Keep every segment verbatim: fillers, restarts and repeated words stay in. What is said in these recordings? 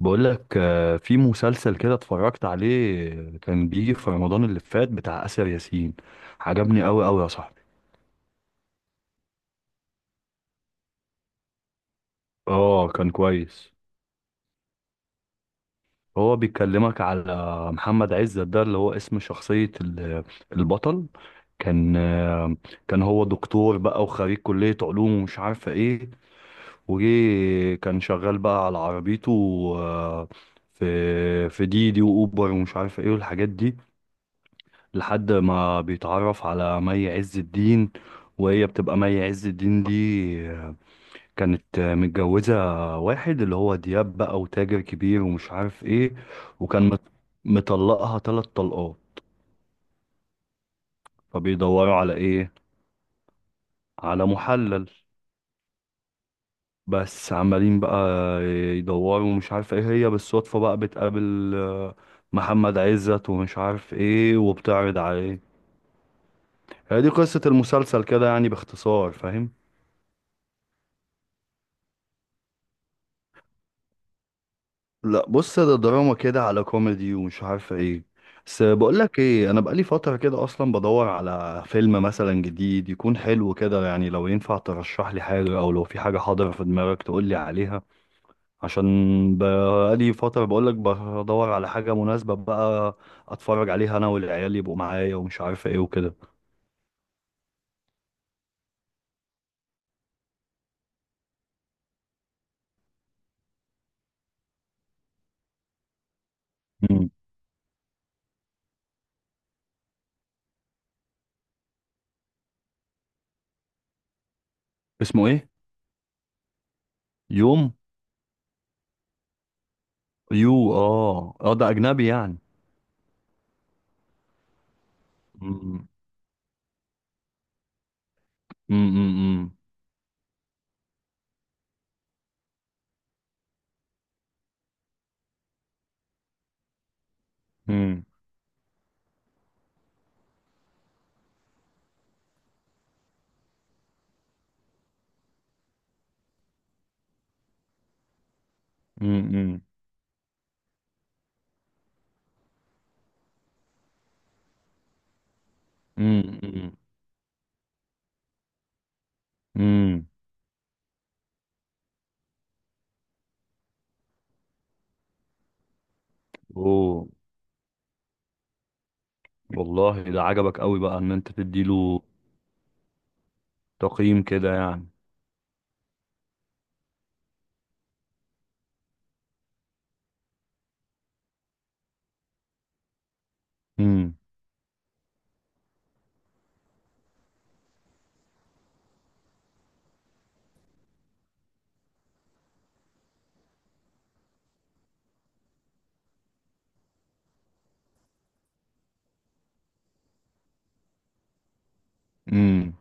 بقول لك آه، في مسلسل كده اتفرجت عليه. آه، كان بيجي في رمضان اللي فات بتاع آسر ياسين. عجبني قوي قوي يا صاحبي. اه، كان كويس. هو بيكلمك على محمد عزت، ده اللي هو اسم شخصية ال- البطل. كان آه، كان هو دكتور بقى وخريج كلية علوم ومش عارفة ايه. وجي كان شغال بقى على عربيته، آه، في في ديدي وأوبر ومش عارفة ايه والحاجات دي، لحد ما بيتعرف على مي عز الدين. وهي بتبقى مي عز الدين دي كانت متجوزة واحد اللي هو دياب بقى، وتاجر كبير ومش عارف ايه، وكان مت- مطلقها تلات طلقات. فبيدوروا على ايه؟ على محلل. بس عمالين بقى يدوروا ومش عارف ايه، هي بالصدفة بقى بتقابل آه، محمد عزت ومش عارف ايه وبتعرض عليه. هي دي قصة المسلسل كده يعني باختصار، فاهم. لا بص، ده دراما كده على كوميدي ومش عارف ايه. بس بقول لك ايه، انا بقالي فتره كده اصلا بدور على فيلم مثلا جديد يكون حلو كده، يعني لو ينفع ترشح لي حاجه، او لو في حاجه حاضره في دماغك تقول لي عليها. عشان بقالي فتره بقول لك بدور على حاجه مناسبه بقى اتفرج عليها انا والعيال يبقوا معايا ومش عارف ايه وكده. مم. اسمه ايه؟ يوم. يو. اه، اه، ده اجنبي يعني. مم. مم. مم. مم. مم. مم. مم. مم. امم. اوه. والله ده عجبك قوي بقى ان انت تديله تقييم كده يعني. امم. امم.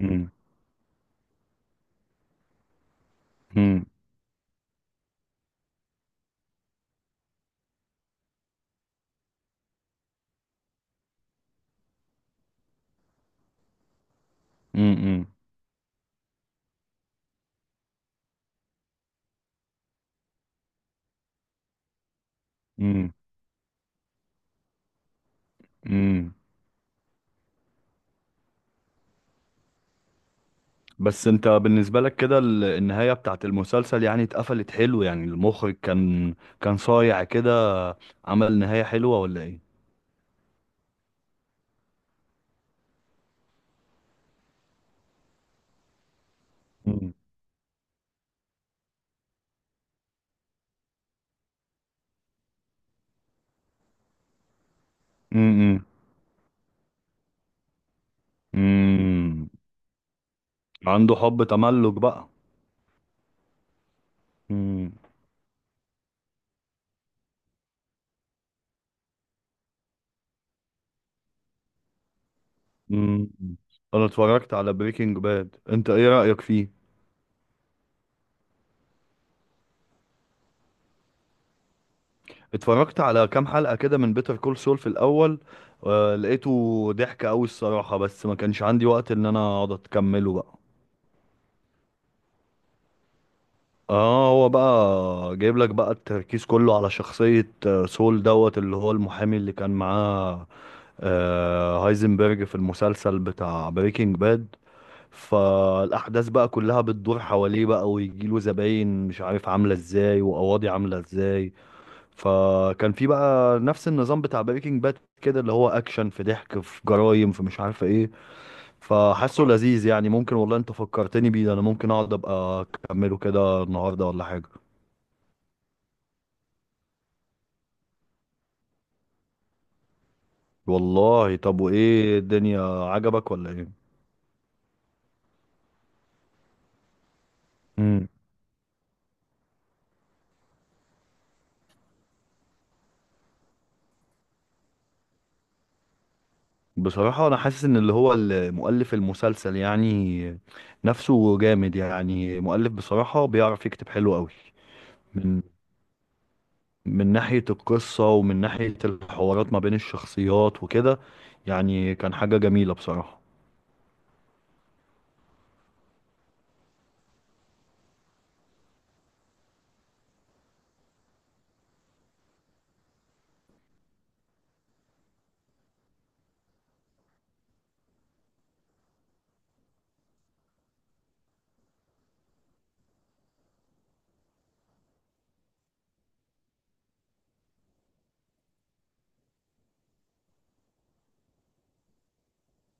امم. امم. امم. امم. امم. بس انت بالنسبة لك كده، ال- النهاية بتاعت المسلسل يعني اتقفلت حلو؟ يعني المخرج كان كان صايع كده، عمل نهاية حلوة ولا ايه؟ امم. امم. امم. عنده حب تملك بقى. امم. امم. انا اتفرجت على بريكنج باد، انت ايه رأيك فيه؟ اتفرجت على كام حلقة كده من بيتر كول سول في الأول. آه، لقيته ضحك أوي الصراحة، بس ما كانش عندي وقت إن أنا أقعد أكمله بقى. اه، هو بقى جايب لك بقى التركيز كله على شخصية آه، سول دوت، اللي هو المحامي اللي كان معاه آه، هايزنبرج في المسلسل بتاع بريكنج باد. فالأحداث بقى كلها بتدور حواليه بقى، ويجيله زباين مش عارف عاملة ازاي وقواضي عاملة ازاي. فكان في بقى نفس النظام بتاع بريكنج باد كده، اللي هو اكشن في ضحك في جرايم في مش عارفه ايه. فحاسه لذيذ يعني. ممكن والله انت فكرتني بيه ده، انا ممكن اقعد ابقى اكمله كده النهارده ولا حاجه. والله طب وايه، الدنيا عجبك ولا ايه؟ امم. بصراحة أنا حاسس إن اللي هو مؤلف المسلسل يعني، نفسه جامد. يعني مؤلف بصراحة بيعرف يكتب حلو قوي. من من ناحية القصة ومن ناحية الحوارات ما بين الشخصيات وكده، يعني كان حاجة جميلة بصراحة.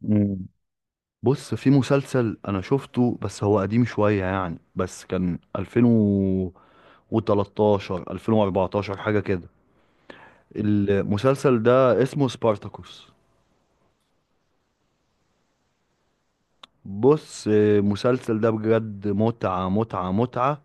مم. بص في مسلسل انا شفته بس هو قديم شوية يعني، بس كان ألفين وتلتاشر ألفين واربعتاشر حاجة كده. المسلسل ده اسمه سبارتاكوس. بص، آه، المسلسل ده بجد متعة متعة متعة.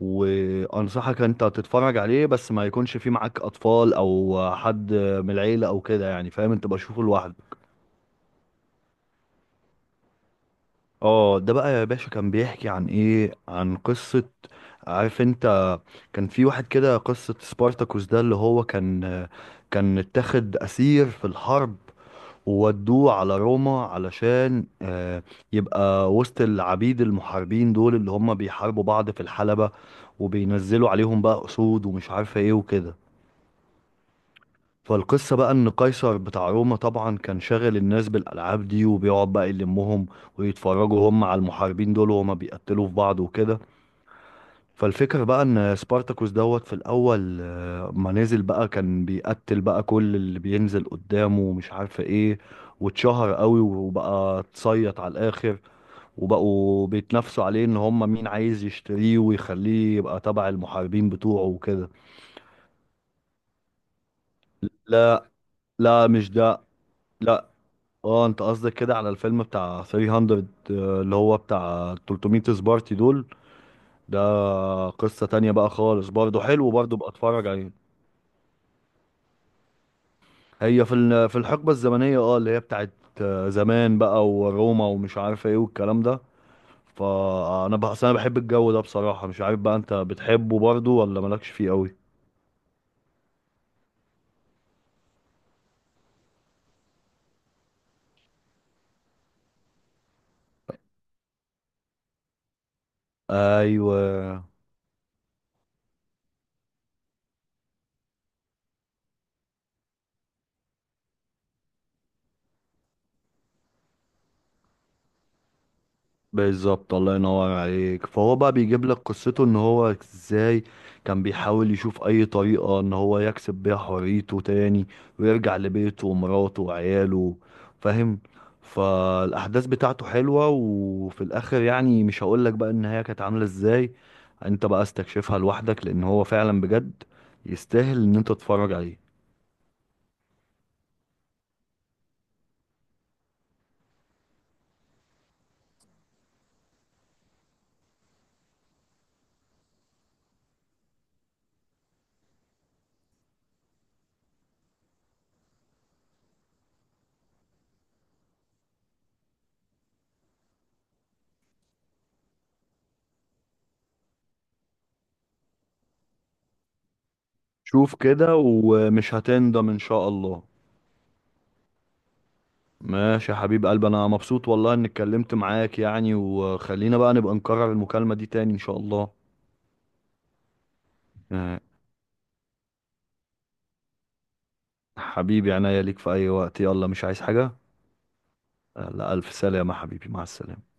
وانصحك انت تتفرج عليه، بس ما يكونش فيه معاك اطفال او حد من العيلة او كده يعني، فاهم؟ انت بشوفه لوحدك. اه، ده بقى يا باشا كان بيحكي عن ايه، عن قصة، عارف انت. كان في واحد كده، قصة سبارتاكوس ده اللي هو كان كان اتاخد اسير في الحرب، وودوه على روما علشان آه، يبقى وسط العبيد المحاربين دول اللي هم بيحاربوا بعض في الحلبة، وبينزلوا عليهم بقى اسود ومش عارفة ايه وكده. فالقصة بقى إن قيصر بتاع روما طبعا كان شاغل الناس بالألعاب دي، وبيقعد بقى يلمهم ويتفرجوا هم على المحاربين دول وهما بيقتلوا في بعض وكده. فالفكرة بقى إن سبارتاكوس دوت في الأول، آه، ما نزل بقى كان بيقتل بقى كل اللي بينزل قدامه ومش عارفة إيه، واتشهر قوي وبقى اتصيط على الآخر، وبقوا بيتنافسوا عليه إن هما مين عايز يشتريه ويخليه يبقى تبع المحاربين بتوعه وكده. لا. لا مش ده. لا. اه، انت قصدك كده على الفيلم بتاع تلتمية، آه، اللي هو بتاع تلتمية سبارتي دول. ده قصة تانية بقى خالص، برضه حلو، برضه بقى اتفرج عليه. هي في ال- في الحقبة الزمنية اه اللي هي بتاعت آه، زمان بقى، وروما ومش عارف ايه والكلام ده. فانا بحس انا بحب الجو ده بصراحة. مش عارف بقى انت بتحبه برضه ولا مالكش فيه قوي. ايوه بالظبط، الله ينور عليك. فهو بقى بيجيب لك قصته ان هو ازاي كان بيحاول يشوف اي طريقة ان هو يكسب بيها حريته تاني، ويرجع لبيته ومراته وعياله، فاهم. فالاحداث بتاعته حلوة. وفي الاخر يعني مش هقول لك بقى النهاية كانت عاملة ازاي، انت بقى استكشفها لوحدك، لان هو فعلا بجد يستاهل ان انت تتفرج عليه. شوف كده ومش هتندم ان شاء الله. ماشي يا حبيب قلبي، انا مبسوط والله اني اتكلمت معاك يعني. وخلينا بقى نبقى نكرر المكالمة دي تاني ان شاء الله. آه، حبيبي عناية ليك في اي وقت. يلا مش عايز حاجة. يلا الف سلامة حبيبي، مع السلامة.